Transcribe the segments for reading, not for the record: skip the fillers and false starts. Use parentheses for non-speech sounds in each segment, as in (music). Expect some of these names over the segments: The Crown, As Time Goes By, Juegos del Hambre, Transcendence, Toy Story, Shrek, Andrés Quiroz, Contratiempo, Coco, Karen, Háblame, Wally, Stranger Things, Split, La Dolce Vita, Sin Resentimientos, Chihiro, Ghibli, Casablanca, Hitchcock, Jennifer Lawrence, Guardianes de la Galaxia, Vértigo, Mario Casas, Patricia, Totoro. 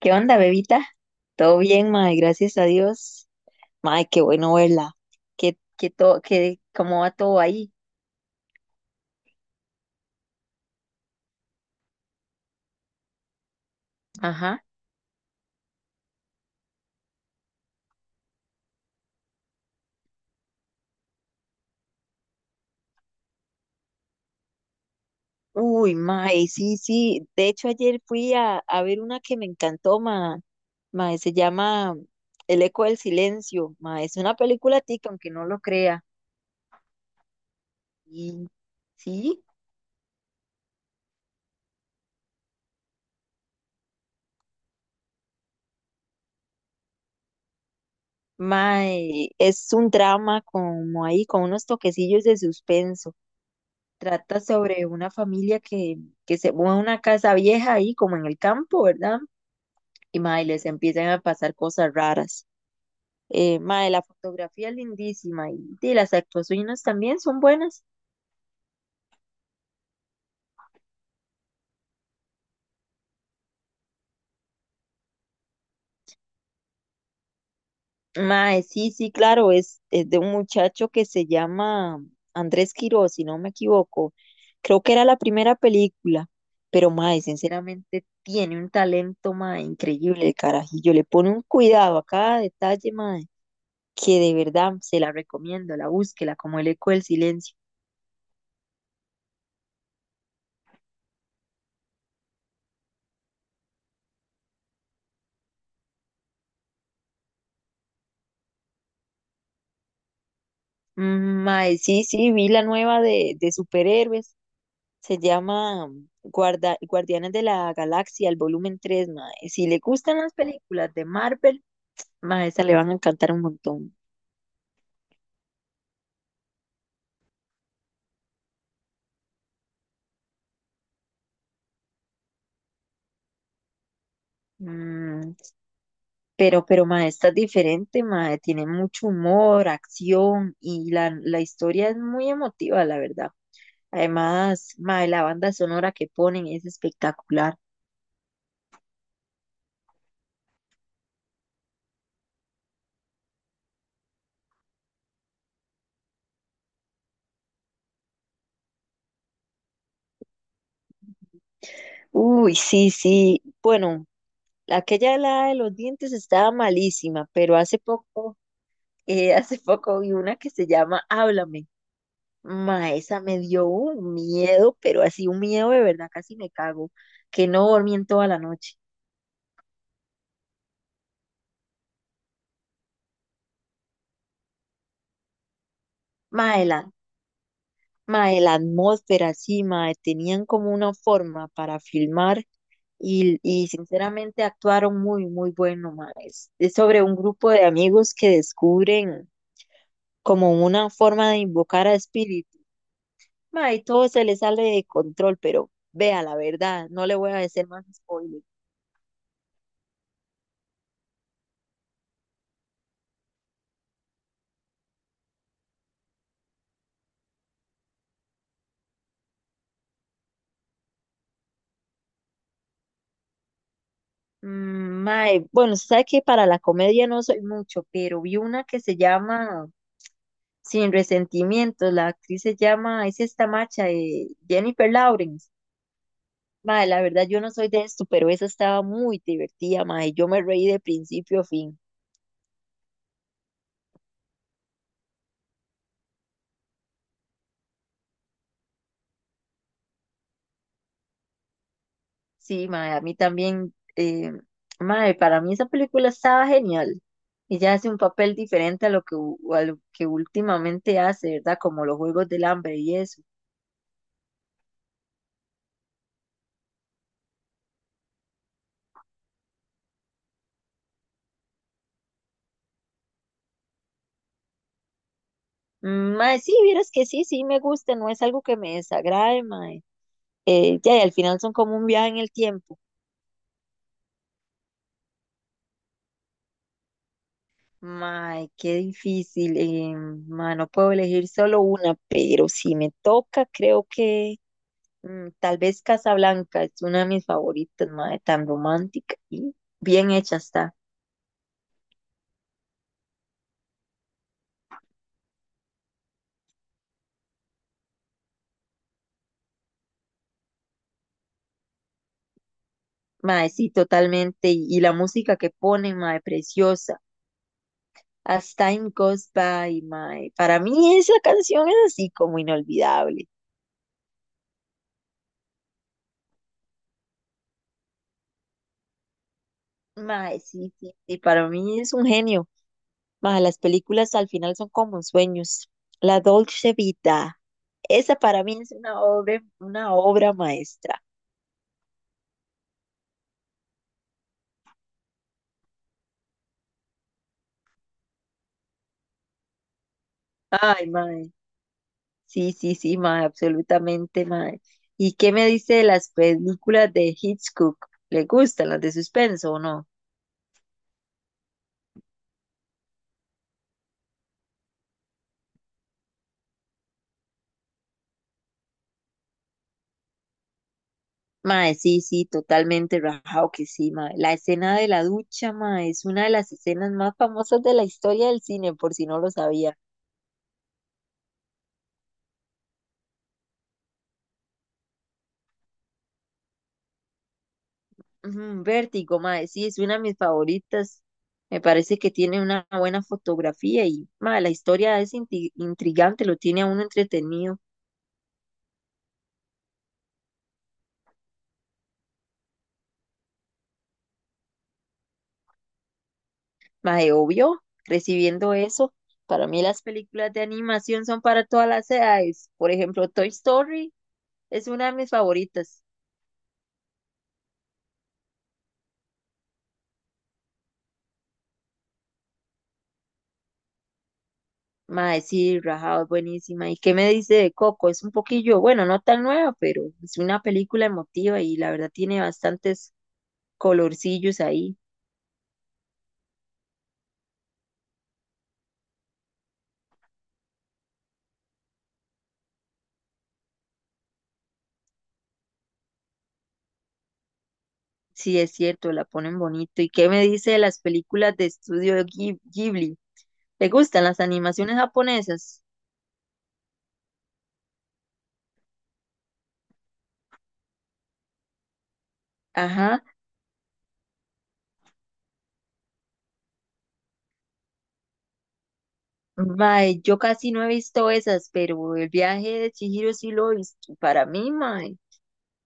¿Qué onda, bebita? ¿Todo bien, mae? Gracias a Dios. Mae, qué bueno verla. ¿ cómo va todo ahí? Ajá. Uy, mae, sí, sí. De hecho, ayer fui a ver una que me encantó, mae. Mae, se llama El eco del silencio. Mae, es una película tica, aunque no lo crea. Y sí, mae, es un drama como ahí, con unos toquecillos de suspenso. Trata sobre una familia que se mueve a una casa vieja ahí, como en el campo, ¿verdad? Y mae, les empiezan a pasar cosas raras. Mae, la fotografía es lindísima y las actuaciones también son buenas. Mae, sí, sí, claro, es de un muchacho que se llama Andrés Quiroz, si no me equivoco. Creo que era la primera película, pero mae, sinceramente tiene un talento, mae, increíble el carajillo. Le pone un cuidado a cada detalle, mae, que de verdad se la recomiendo, la búsquela, como el eco del silencio. Mae, sí, sí, vi la nueva de superhéroes, se llama Guardianes de la Galaxia, el volumen 3, mae. Si le gustan las películas de Marvel, mae, esa le van a encantar un montón. Mm, pero mae, esta es diferente, mae, tiene mucho humor, acción y la historia es muy emotiva, la verdad. Además, mae, la banda sonora que ponen es espectacular. Uy, sí, sí. Bueno, aquella helada de los dientes estaba malísima, pero hace poco, (laughs) hace poco vi una que se llama Háblame. Ma, esa me dio un miedo, pero así un miedo de verdad, casi me cago, que no dormí en toda la noche. Ma, de la, ma, de atmósfera, sí, ma, tenían como una forma para filmar y sinceramente actuaron muy bueno, ma. Es sobre un grupo de amigos que descubren como una forma de invocar a espíritus. Ma, y todo se le sale de control, pero vea la verdad, no le voy a decir más spoilers. Mae, bueno, sabe que para la comedia no soy mucho, pero vi una que se llama Sin Resentimientos, la actriz se llama, es esta macha de Jennifer Lawrence. Mae, la verdad yo no soy de esto, pero esa estaba muy divertida, mae, yo me reí de principio a fin. Sí, mae, a mí también, mae, para mí esa película estaba genial. Ella hace un papel diferente a lo que, a lo que últimamente hace, ¿verdad? Como los Juegos del Hambre y eso. Mae, sí, vieras que sí, sí me gusta, no es algo que me desagrade, mae. Ya, y al final son como un viaje en el tiempo. Mae, qué difícil. Mae, no puedo elegir solo una, pero si me toca, creo que... Mm, tal vez Casablanca es una de mis favoritas, mae, tan romántica y bien hecha está. Mae, sí, totalmente. Y la música que ponen, mae, preciosa. As Time Goes By, mae. Para mí esa canción es así como inolvidable. Mae, sí, sí, sí, para mí es un genio. Mae, las películas al final son como sueños. La Dolce Vita, esa para mí es una obra maestra. Ay, mae. Sí, sí, sí, mae, absolutamente, mae. ¿Y qué me dice de las películas de Hitchcock? ¿Le gustan las de suspenso o no? Mae, sí, sí, totalmente rajado que sí, mae. La escena de la ducha, mae, es una de las escenas más famosas de la historia del cine, por si no lo sabía. Ujú. Vértigo, mae, sí, es una de mis favoritas. Me parece que tiene una buena fotografía y, mae, la historia es intrigante, lo tiene a uno entretenido. Mae, obvio, recibiendo eso, para mí las películas de animación son para todas las edades. Por ejemplo, Toy Story es una de mis favoritas. Mae, sí, rajado, es buenísima. ¿Y qué me dice de Coco? Es un poquillo, bueno, no tan nueva, pero es una película emotiva y la verdad tiene bastantes colorcillos ahí. Sí, es cierto, la ponen bonito. ¿Y qué me dice de las películas de estudio Ghibli? ¿Le gustan las animaciones japonesas? Ajá. Mae, yo casi no he visto esas, pero el viaje de Chihiro sí lo he visto. Para mí, mae,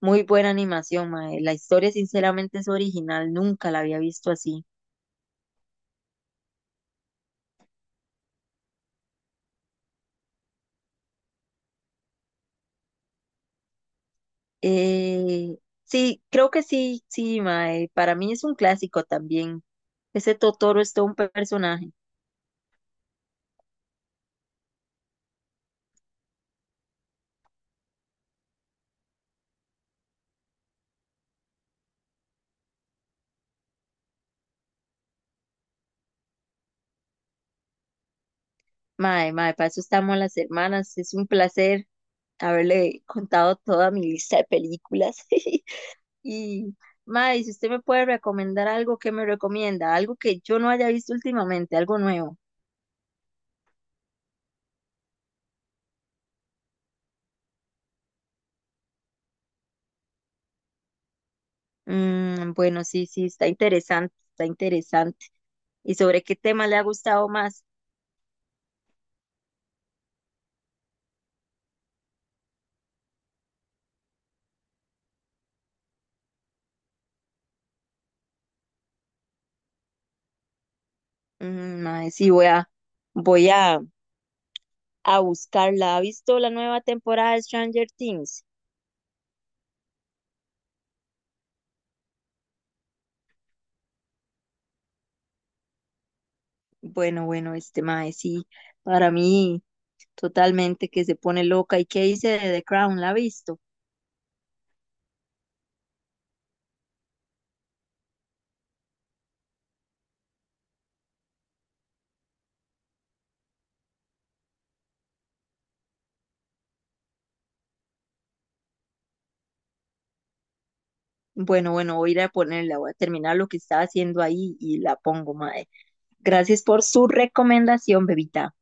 muy buena animación, mae. La historia sinceramente es original, nunca la había visto así. Eh, sí, creo que sí, sí, mae. Para mí es un clásico también. Ese Totoro es todo un personaje. Mae, mae, para eso estamos las hermanas. Es un placer haberle contado toda mi lista de películas. (laughs) Y, mae, si usted me puede recomendar algo, ¿qué me recomienda? Algo que yo no haya visto últimamente, algo nuevo. Mm, bueno, sí, sí, está interesante, está interesante. ¿Y sobre qué tema le ha gustado más? Mae, sí, voy a, a buscarla. ¿Ha visto la nueva temporada de Stranger Things? Bueno, bueno, este mae, sí, para mí totalmente que se pone loca. ¿Y qué dice de The Crown? ¿La ha visto? Bueno, bueno, voy a ir a ponerla, voy a terminar lo que estaba haciendo ahí y la pongo, mae. Gracias por su recomendación, bebita.